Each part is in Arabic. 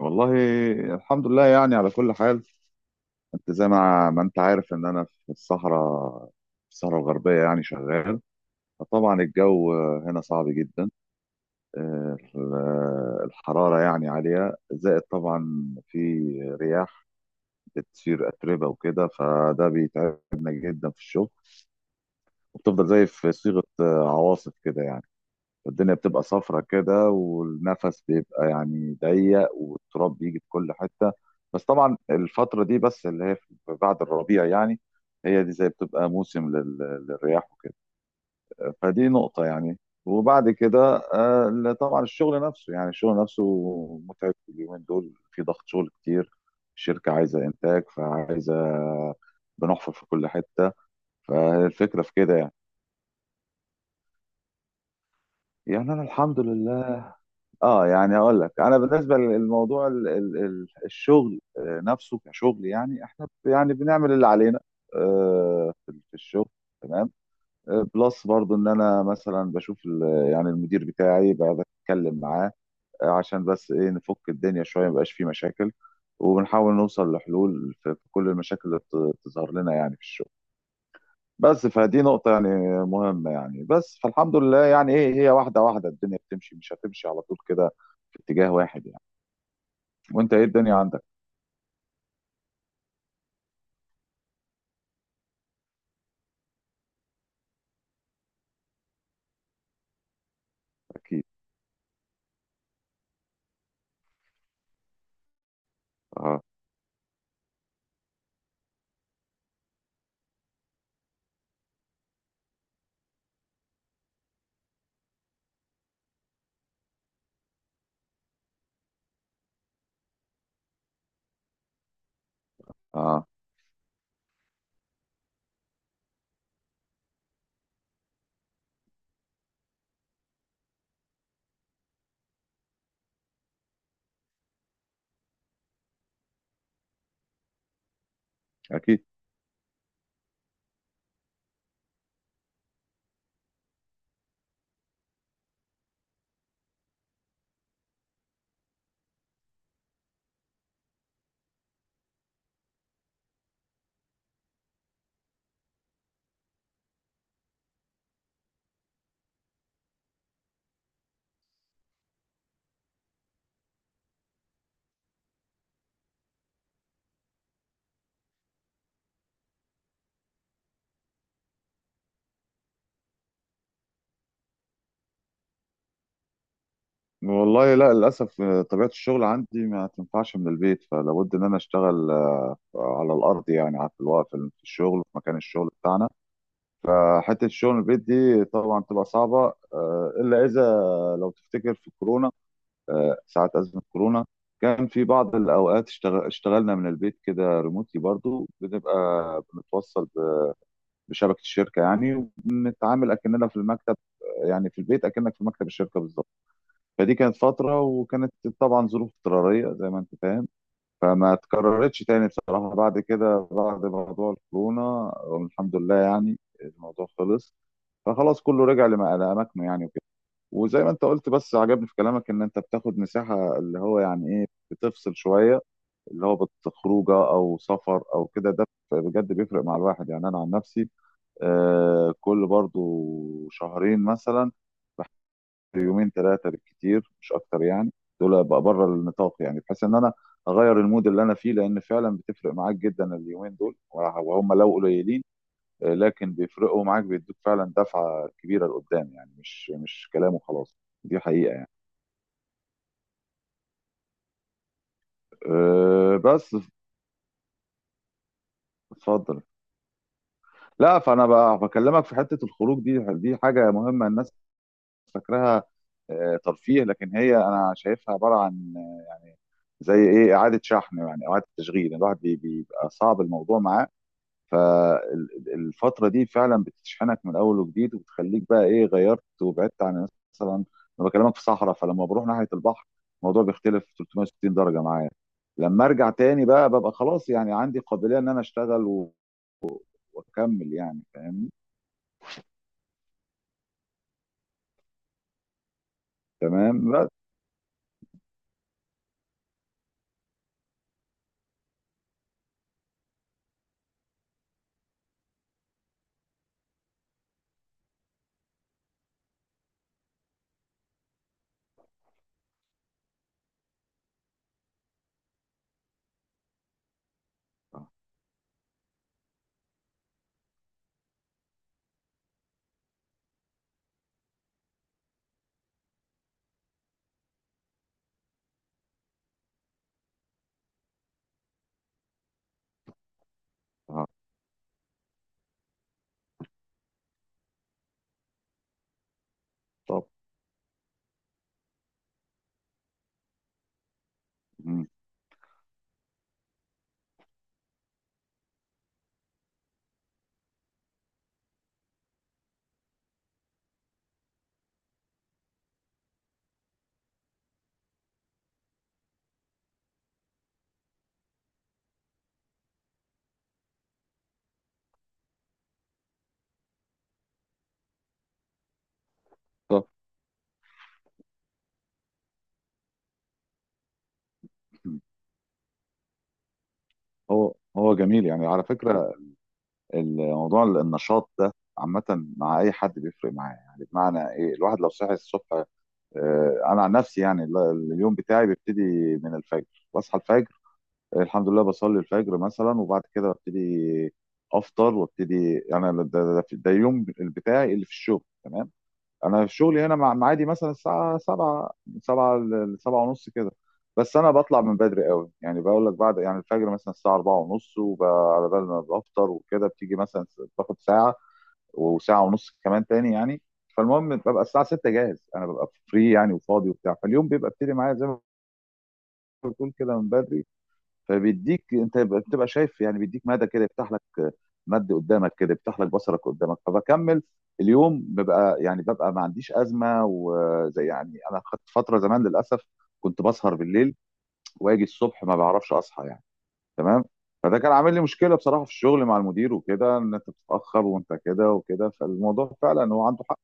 والله، الحمد لله يعني على كل حال. انت زي ما انت عارف ان انا في الصحراء الغربية يعني شغال. فطبعا الجو هنا صعب جدا، آه، الحرارة يعني عالية، زائد طبعا في رياح بتصير أتربة وكده، فده بيتعبنا جدا في الشغل. وبتفضل زي في صيغة عواصف كده يعني، الدنيا بتبقى صفرة كده، والنفس بيبقى يعني ضيق، والتراب بيجي في كل حتة. بس طبعا الفترة دي بس اللي هي بعد الربيع يعني، هي دي زي بتبقى موسم للرياح وكده. فدي نقطة يعني. وبعد كده لا، طبعا الشغل نفسه، يعني الشغل نفسه متعب. اليومين دول في ضغط شغل كتير، الشركة عايزة إنتاج، فعايزة بنحفر في كل حتة. فالفكرة في كده يعني أنا الحمد لله. اه يعني هقول لك انا بالنسبه للموضوع الشغل نفسه كشغل، يعني احنا يعني بنعمل اللي علينا. في الشغل تمام. بلس برضو ان انا مثلا بشوف يعني المدير بتاعي بقى، بتكلم معاه عشان بس ايه نفك الدنيا شويه، مبقاش فيه مشاكل، وبنحاول نوصل لحلول في كل المشاكل اللي بتظهر لنا يعني في الشغل. بس فدي نقطة يعني مهمة، يعني بس فالحمد لله، يعني ايه، هي واحدة واحدة الدنيا بتمشي، مش هتمشي على طول كده في اتجاه واحد يعني. وانت ايه الدنيا عندك؟ اكيد. اه، اه، اكيد. والله لا، للاسف طبيعه الشغل عندي ما تنفعش من البيت، فلابد ان انا اشتغل على الارض، يعني في الوقت في الشغل في مكان الشغل بتاعنا. فحته الشغل من البيت دي طبعا تبقى صعبه، الا اذا لو تفتكر في كورونا، ساعه ازمه كورونا كان في بعض الاوقات اشتغلنا من البيت كده ريموتلي، برضو بنبقى بنتوصل بشبكه الشركه يعني، وبنتعامل اكننا في المكتب، يعني في البيت اكنك في مكتب الشركه بالظبط. فدي كانت فتره، وكانت طبعا ظروف اضطراريه زي ما انت فاهم، فما اتكررتش تاني بصراحه بعد كده، بعد موضوع الكورونا الحمد لله يعني الموضوع خلص، فخلاص كله رجع لاماكنه يعني وكده. وزي ما انت قلت، بس عجبني في كلامك ان انت بتاخد مساحه، اللي هو يعني ايه، بتفصل شويه، اللي هو بتخرجه او سفر او كده، ده بجد بيفرق مع الواحد يعني. انا عن نفسي كل برضو شهرين مثلا يومين ثلاثة بالكتير، مش أكتر يعني، دول بقى بره النطاق، يعني بحيث إن أنا أغير المود اللي أنا فيه، لأن فعلا بتفرق معاك جدا اليومين دول وهم لو قليلين، لكن بيفرقوا معاك، بيدوك فعلا دفعة كبيرة لقدام، يعني مش كلام وخلاص، دي حقيقة يعني. أه بس اتفضل. لا، فأنا بقى بكلمك في حتة الخروج دي، دي حاجة مهمة. الناس فاكراها ترفيه، لكن هي انا شايفها عباره عن زي ايه، اعاده شحن يعني، اعاده تشغيل، يعني الواحد بيبقى صعب الموضوع معاه. فالفتره دي فعلا بتشحنك من اول وجديد، وبتخليك بقى ايه، غيرت وبعدت عن. مثلا انا بكلمك في صحراء، فلما بروح ناحيه البحر الموضوع بيختلف 360 درجه معايا. لما ارجع تاني بقى ببقى خلاص، يعني عندي قابليه ان انا اشتغل واكمل يعني. فاهمني. تمام. بس آه، طب. مم. طب. مم. هو جميل يعني على فكره، الموضوع النشاط ده عامة مع أي حد بيفرق معاه، يعني بمعنى إيه، الواحد لو صحي الصبح، أنا عن نفسي يعني، اليوم بتاعي بيبتدي من الفجر، بصحى الفجر الحمد لله، بصلي الفجر مثلا، وبعد كده ببتدي أفطر وابتدي، يعني ده يوم بتاعي اللي في الشغل تمام. انا في شغلي هنا، مع معادي مثلا الساعه 7، 7 ل 7 ونص كده. بس انا بطلع من بدري قوي، يعني بقول لك بعد يعني الفجر مثلا الساعه 4 ونص، وعلى بال ما بفطر وكده، بتيجي مثلا باخد ساعه وساعه ونص كمان تاني يعني. فالمهم ببقى الساعه 6 جاهز، انا ببقى فري يعني وفاضي وبتاع، فاليوم بيبقى ابتدي معايا زي ما بتقول كده من بدري. فبيديك، انت بتبقى شايف يعني، بيديك مدى كده يفتح لك، مد قدامك كده يفتح لك بصرك قدامك، فبكمل اليوم، ببقى يعني ببقى ما عنديش ازمه. وزي يعني انا خدت فتره زمان للاسف كنت بسهر بالليل، واجي الصبح ما بعرفش اصحى يعني. تمام. فده كان عامل لي مشكله بصراحه في الشغل مع المدير وكده، ان انت بتتاخر وانت كده وكده، فالموضوع فعلا هو عنده حق.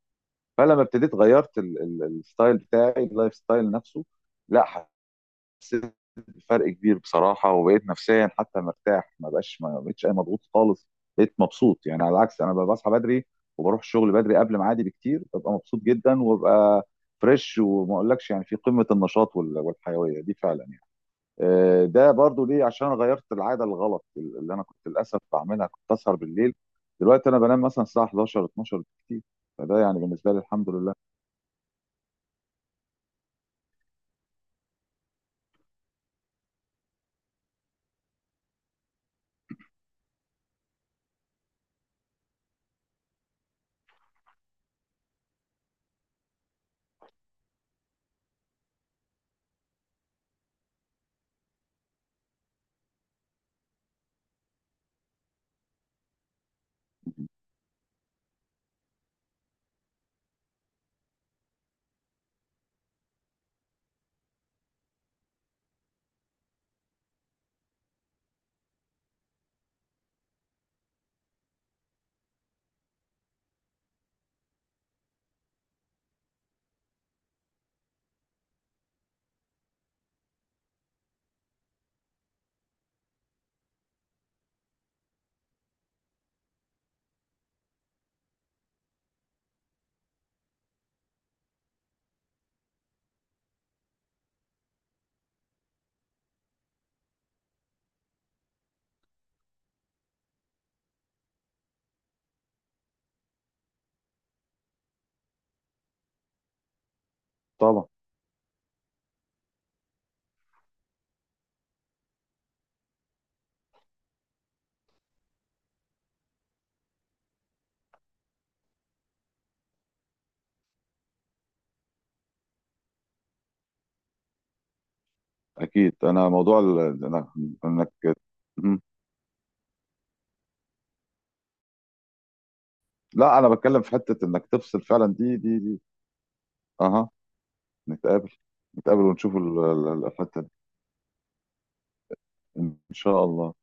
فلما ابتديت غيرت الستايل بتاعي، اللايف ستايل نفسه. لا، حسيت بفرق كبير بصراحه، وبقيت نفسيا حتى مرتاح، ما بقتش اي مضغوط خالص. بقيت مبسوط يعني، على العكس انا بصحى بدري، وبروح الشغل بدري قبل ميعادي بكتير، ببقى مبسوط جدا، وببقى فريش، وما اقولكش يعني في قمه النشاط والحيويه دي فعلا يعني. ده برضو ليه عشان أنا غيرت العاده الغلط اللي انا كنت للاسف بعملها، كنت اسهر بالليل، دلوقتي انا بنام مثلا الساعه 11، 12 بالكتير. فده يعني بالنسبه لي الحمد لله. طبعا. اكيد. انا موضوع انك. إمم. لا، انا بتكلم في حته انك تفصل فعلا، دي. اها، نتقابل نتقابل ونشوف الحته دي. ان شاء الله.